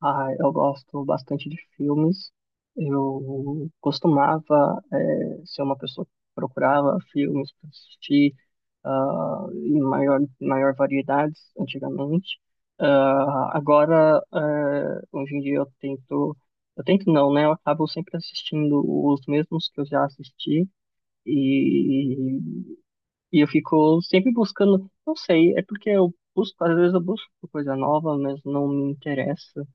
Ah, eu gosto bastante de filmes. Eu costumava, ser uma pessoa que procurava filmes para assistir, em maior variedades antigamente. Agora, hoje em dia eu tento não, né? Eu acabo sempre assistindo os mesmos que eu já assisti e, e eu fico sempre buscando, não sei, é porque eu busco, às vezes eu busco coisa nova, mas não me interessa.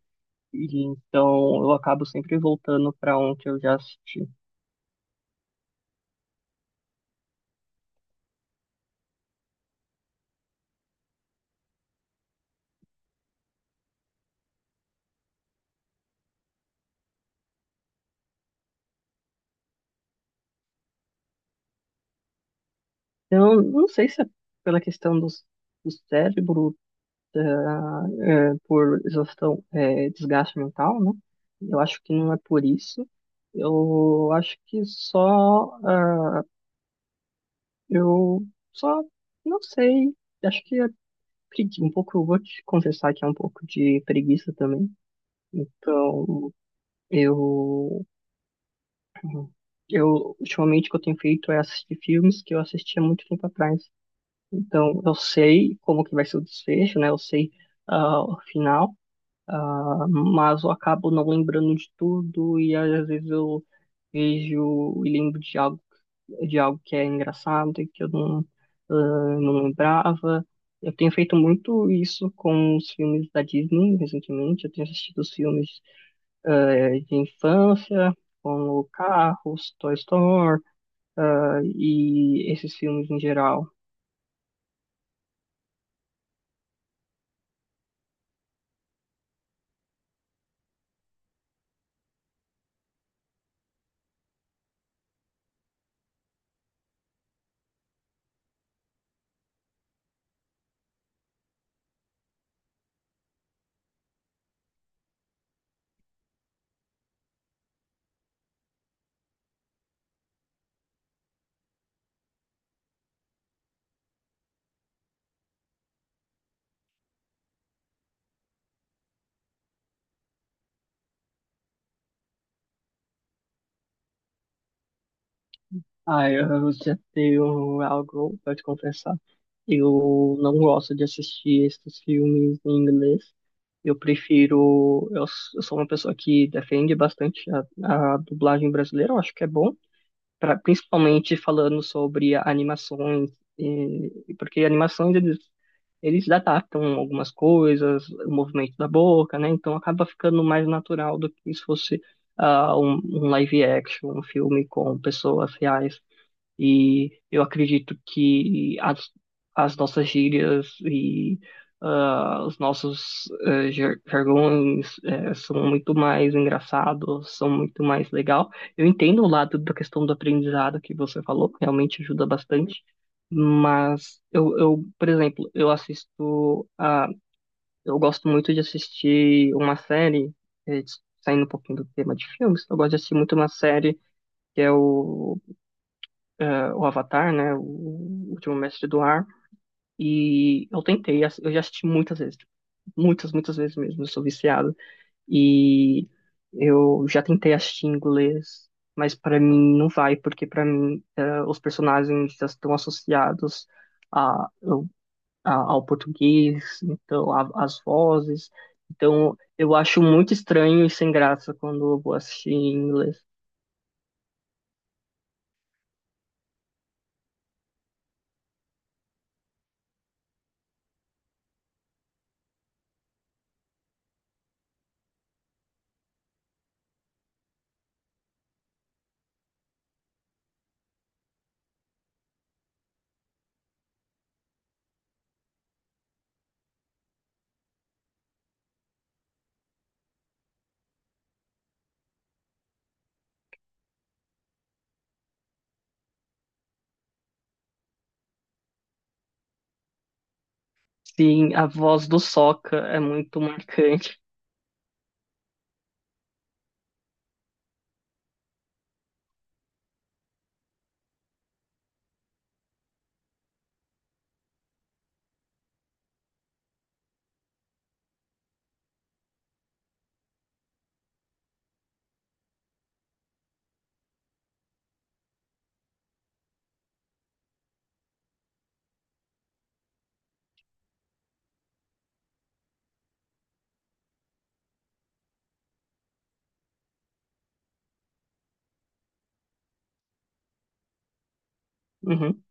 E então eu acabo sempre voltando para um que eu já assisti. Eu não sei se é pela questão do cérebro, é, por exaustão, é, desgaste mental, né? Eu acho que não é por isso. Eu acho que só, eu só, não sei. Acho que é um pouco, eu vou te confessar que é um pouco de preguiça também. Então, eu eu, ultimamente, o que eu tenho feito é assistir filmes que eu assistia muito tempo atrás. Então, eu sei como que vai ser o desfecho, né? Eu sei o final, ah, mas eu acabo não lembrando de tudo e às vezes eu vejo e lembro de algo que é engraçado e que eu não, ah, não lembrava. Eu tenho feito muito isso com os filmes da Disney recentemente. Eu tenho assistido os filmes de infância, como Carros, Toy Story, ah, e esses filmes em geral. Ah, eu já tenho algo para te confessar. Eu não gosto de assistir esses filmes em inglês. Eu prefiro. Eu sou uma pessoa que defende bastante a dublagem brasileira, eu acho que é bom. Principalmente falando sobre animações, e- porque animações eles, eles adaptam algumas coisas, o movimento da boca, né? Então acaba ficando mais natural do que se fosse um, um live action, um filme com pessoas reais. E eu acredito que as nossas gírias e ah, os nossos jargões são muito mais engraçados, são muito mais legal. Eu entendo o lado da questão do aprendizado que você falou, realmente ajuda bastante. Mas eu, por exemplo, eu assisto a, eu gosto muito de assistir uma série, eh, saindo um pouquinho do tema de filmes, eu gosto de assistir muito uma série que é o o Avatar, né? O Último Mestre do Ar. E eu tentei, eu já assisti muitas vezes. Tipo, muitas, muitas vezes mesmo. Eu sou viciado. E eu já tentei assistir em inglês, mas para mim não vai, porque para mim os personagens já estão associados a, ao ao português, então as vozes. Então eu acho muito estranho e sem graça quando eu vou assistir em inglês. Sim, a voz do Sokka é muito marcante. Uhum.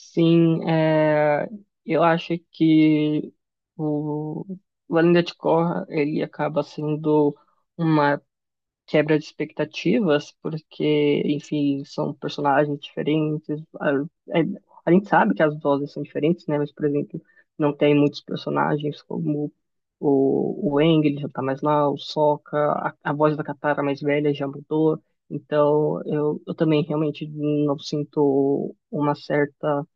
Sim, é, eu acho que o, o Além Corra, ele acaba sendo uma quebra de expectativas, porque, enfim, são personagens diferentes. A, é- a gente sabe que as vozes são diferentes, né? Mas, por exemplo, não tem muitos personagens como o Aang, ele já tá mais lá, o Sokka, a voz da Katara mais velha já mudou. Então, eu também realmente não sinto uma certa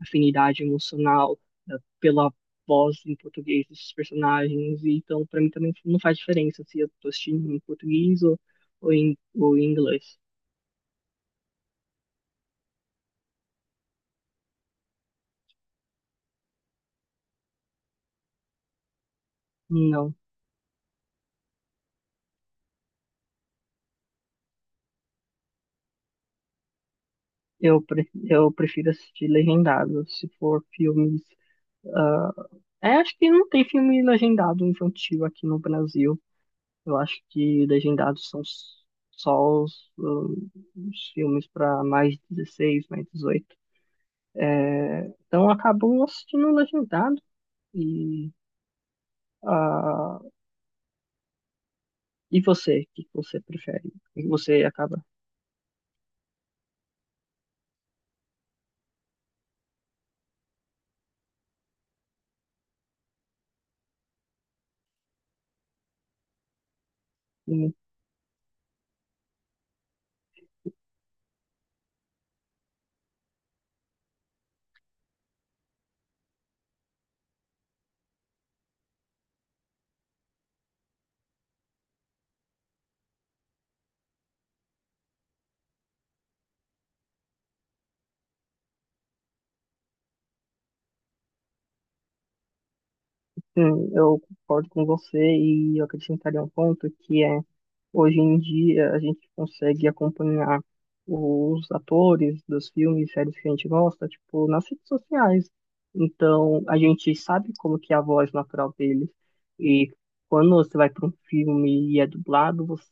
afinidade emocional eh, pela voz em português desses personagens. E então, para mim também não faz diferença se eu tô assistindo em português ou em inglês. Não. Eu prefiro assistir legendado, se for filmes. Ah, é, acho que não tem filme legendado infantil aqui no Brasil. Eu acho que legendados são só os filmes para mais de 16, mais 18. É, então eu acabo assistindo legendado e ah, e você, o que que você prefere? O que que você acaba? Hum, eu concordo com você e eu acrescentaria um ponto que é, hoje em dia a gente consegue acompanhar os atores dos filmes e séries que a gente gosta, tipo, nas redes sociais. Então, a gente sabe como que é a voz natural deles. E quando você vai para um filme e é dublado,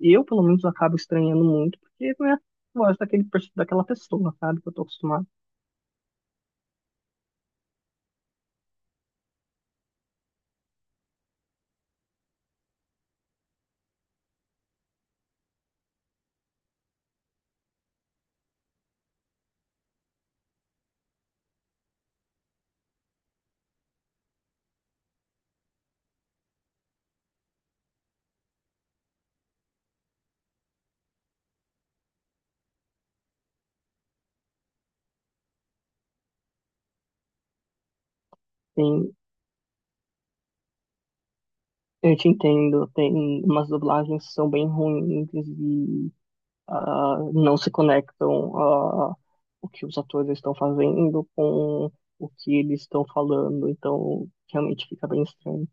eu, pelo menos, acabo estranhando muito, porque não é a voz daquela pessoa, sabe, que eu tô acostumado. Sim. Eu te entendo, tem umas dublagens que são bem ruins e ah, não se conectam a o que os atores estão fazendo com o que eles estão falando, então realmente fica bem estranho.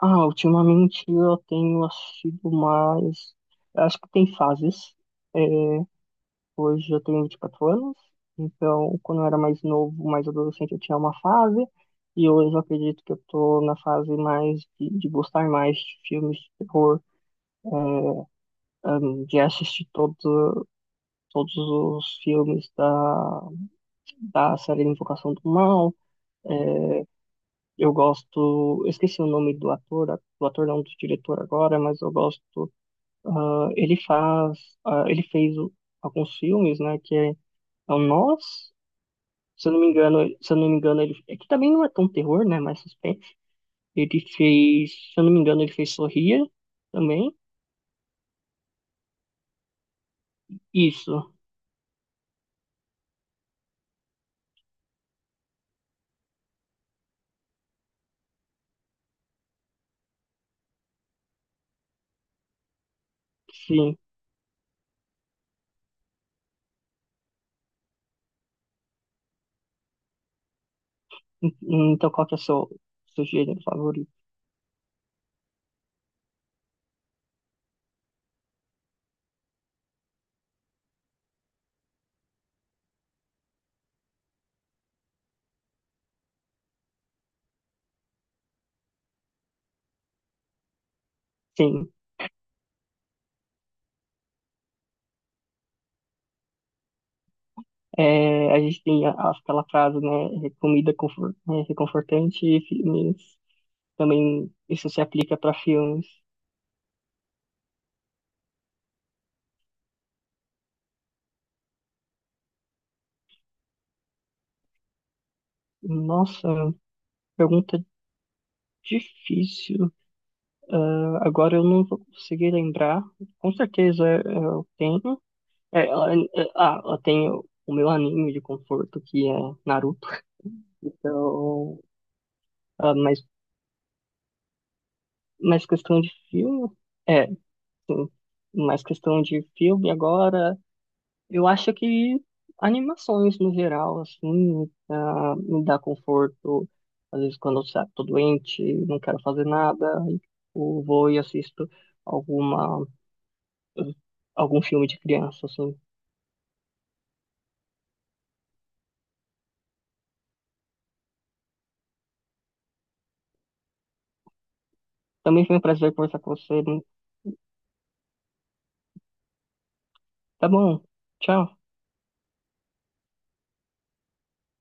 Ah, ultimamente eu tenho assistido mais. Eu acho que tem fases. é, Hoje eu tenho 24 anos, então quando eu era mais novo, mais adolescente, eu tinha uma fase, e hoje eu acredito que eu tô na fase mais de gostar mais de filmes de terror. Já assisti todos os filmes da, da série Invocação do Mal. É, eu gosto, eu esqueci o nome do ator não, do diretor agora, mas eu gosto. ah, ele faz, ah, ele fez alguns filmes, né? Que é, é o Nós, se eu não me engano, se eu não me engano, ele é que também não é tão terror, né? Mais suspense. Ele fez, se eu não me engano, ele fez Sorria também. Isso, sim. Então, qual que é o seu, seu gênero favorito? Sim. É, a gente tem aquela frase, né? "É comida confort, é, reconfortante e filmes." Também isso se aplica para filmes. Nossa, pergunta difícil. Ah, agora eu não vou conseguir lembrar. Com certeza eu tenho. Eu tenho o meu anime de conforto, que é Naruto. Então, ah, mas mais questão de filme. É, sim. Mais questão de filme agora. Eu acho que animações no geral, assim, me dá conforto. Às vezes quando eu tô doente, não quero fazer nada, aí eu vou e assisto alguma, algum filme de criança, assim. Também foi um prazer conversar com você. Tá bom, tchau.